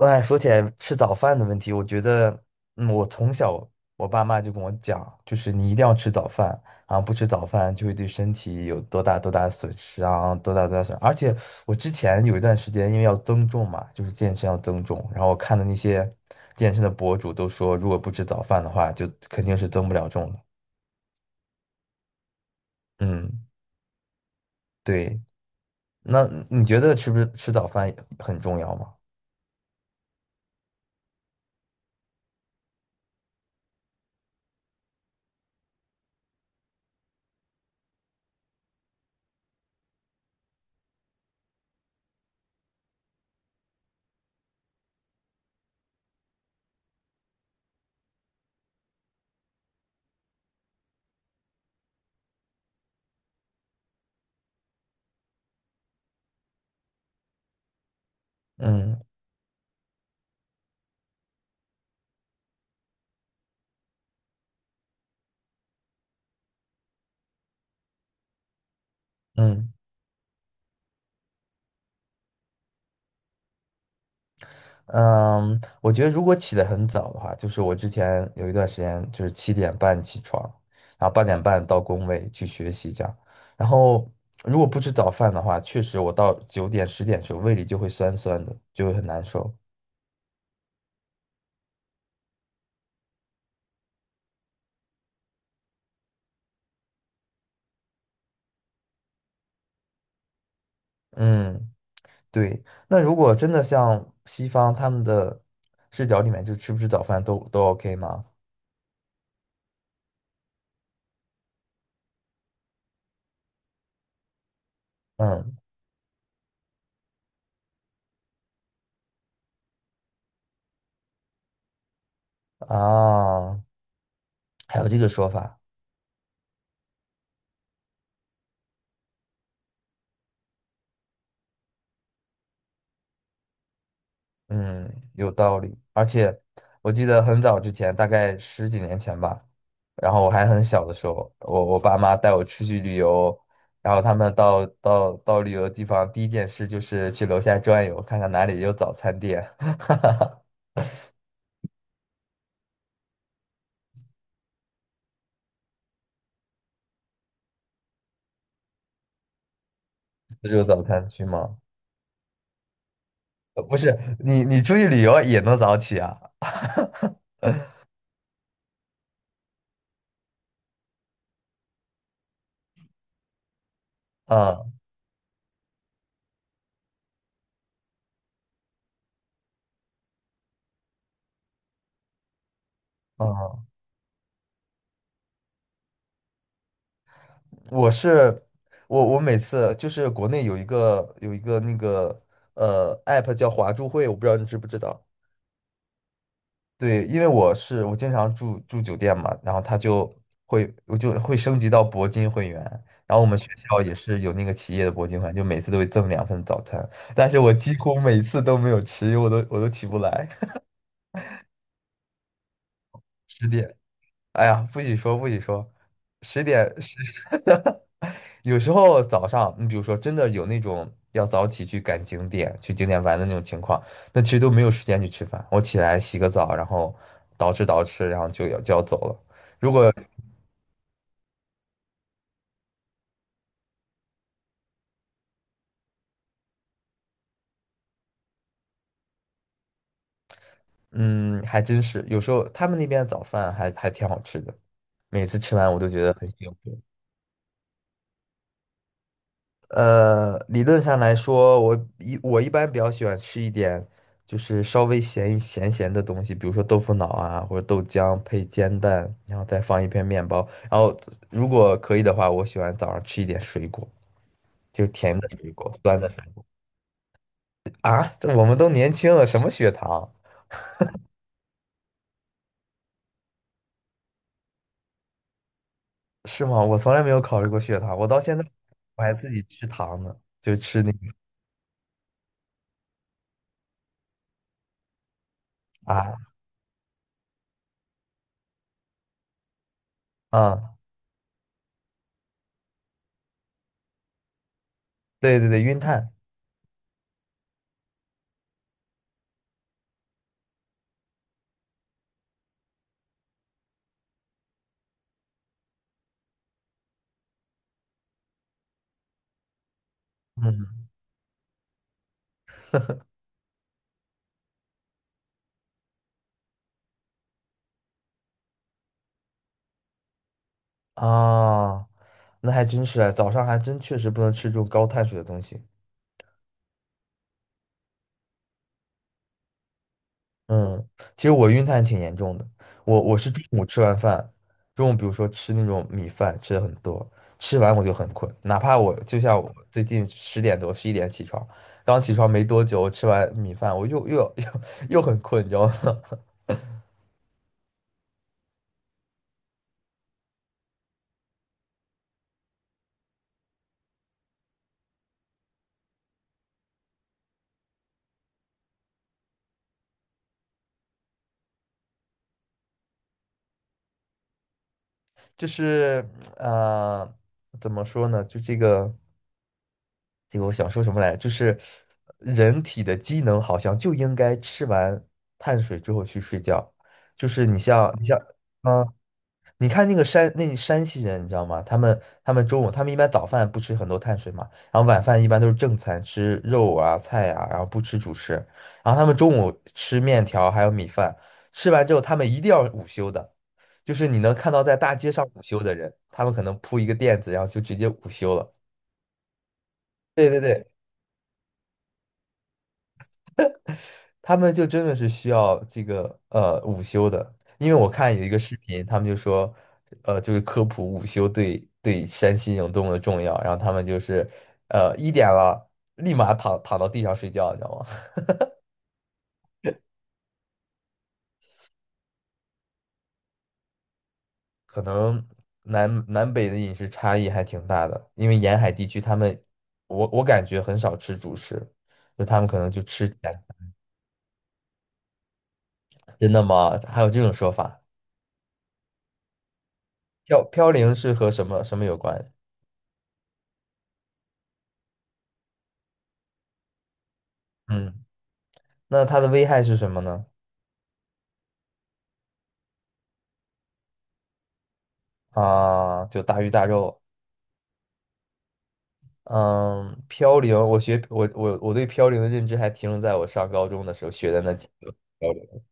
哎，说起来吃早饭的问题，我觉得，我从小我爸妈就跟我讲，就是你一定要吃早饭啊，不吃早饭就会对身体有多大多大的损失啊，多大多大损而且我之前有一段时间，因为要增重嘛，就是健身要增重，然后我看的那些健身的博主都说，如果不吃早饭的话，就肯定是增不了重的。嗯，对。那你觉得吃不吃早饭很重要吗？嗯嗯。嗯，我觉得如果起得很早的话，就是我之前有一段时间就是7点半起床，然后8点半到工位去学习这样。然后如果不吃早饭的话，确实我到9点10点的时候胃里就会酸酸的，就会很难受。嗯，对。那如果真的像西方他们的视角里面，就吃不吃早饭都 OK 吗？嗯啊，还有这个说法。嗯，有道理。而且我记得很早之前，大概十几年前吧，然后我还很小的时候，我爸妈带我出去旅游，然后他们到旅游地方，第一件事就是去楼下转悠，看看哪里有早餐店。不是有早餐区吗？不是，你出去旅游也能早起啊？嗯嗯，我是我每次就是国内有一个那个app 叫华住会，我不知道你知不知道。对，因为我经常住酒店嘛，然后他就会我就会升级到铂金会员，然后我们学校也是有那个企业的铂金会员，就每次都会赠2份早餐，但是我几乎每次都没有吃，因为我都起不来。十点，哎呀，不许说不许说，十点十，有时候早上你比如说真的有那种要早起去景点玩的那种情况，那其实都没有时间去吃饭，我起来洗个澡，然后捯饬捯饬，然后就要走了。嗯，还真是，有时候他们那边的早饭还挺好吃的，每次吃完我都觉得很幸福。理论上来说，我一般比较喜欢吃一点，就是稍微咸咸的东西，比如说豆腐脑啊，或者豆浆配煎蛋，然后再放1片面包。然后如果可以的话，我喜欢早上吃一点水果，就是甜的水果，酸的水果啊，这我们都年轻了，什么血糖？是吗？我从来没有考虑过血糖，我到现在我还自己吃糖呢，就吃那个啊。啊，对对对，晕碳，嗯，啊，那还真是啊，早上还真确实不能吃这种高碳水的东西。嗯，其实我晕碳挺严重的，我是中午吃完饭，中午比如说吃那种米饭吃的很多，吃完我就很困，哪怕我就像我最近10点多11点起床，刚起床没多久，我吃完米饭我又又又 又很困，你知道吗？就是呃，怎么说呢？就这个。这个我想说什么来着？就是人体的机能好像就应该吃完碳水之后去睡觉。就是你像，嗯，你看那个山，那山西人，你知道吗？他们中午他们一般早饭不吃很多碳水嘛，然后晚饭一般都是正餐，吃肉啊菜啊，然后不吃主食。然后他们中午吃面条还有米饭，吃完之后他们一定要午休的。就是你能看到在大街上午休的人，他们可能铺一个垫子，然后就直接午休了。对对对，他们就真的是需要这个午休的，因为我看有一个视频，他们就说，就是科普午休对山西人有多么的重要，然后他们就是，1点了，立马躺到地上睡觉，你知道吗？可能南北的饮食差异还挺大的，因为沿海地区他们，我感觉很少吃主食，就他们可能就吃甜的，真的吗？还有这种说法？飘零是和什么什么有关？嗯，那它的危害是什么呢？啊，就大鱼大肉。嗯，飘零，我学我我我对飘零的认知还停留在我上高中的时候学的那几个飘零。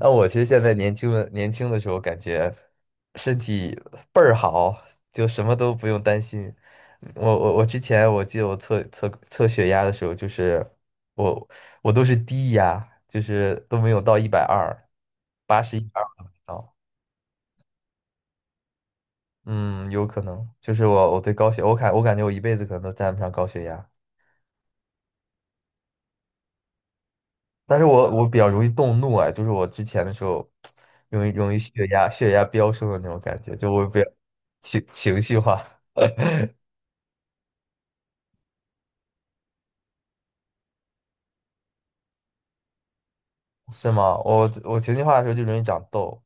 那我其实现在年轻的时候，感觉身体倍儿好，就什么都不用担心。我之前我记得我测血压的时候，就是我我都是低压，就是都没有到120，81.2都没到。嗯，有可能，就是我我对高血，我感觉我一辈子可能都沾不上高血压。但是我比较容易动怒啊，就是我之前的时候，容易血压飙升的那种感觉，就我比较情绪化，是吗？我情绪化的时候就容易长痘。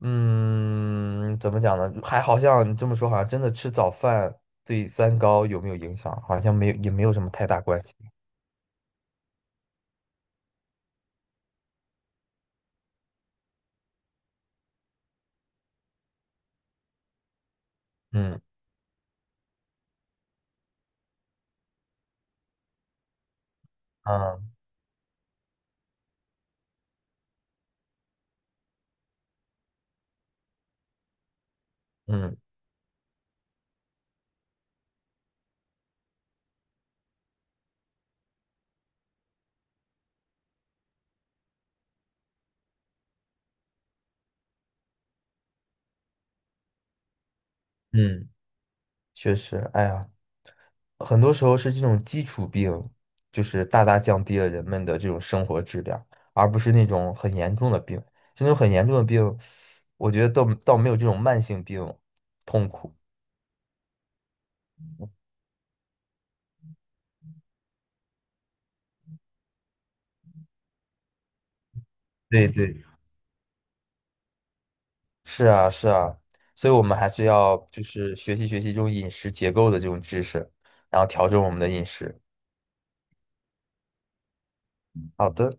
嗯，怎么讲呢？还好像你这么说，好像真的吃早饭对三高有没有影响，好像没有，也没有什么太大关系。嗯嗯嗯嗯，确实，哎呀。很多时候是这种基础病，就是大大降低了人们的这种生活质量，而不是那种很严重的病。这种很严重的病，我觉得倒没有这种慢性病痛苦。对对，是啊，是啊，所以我们还是要就是学习学习这种饮食结构的这种知识，然后调整我们的饮食。好的。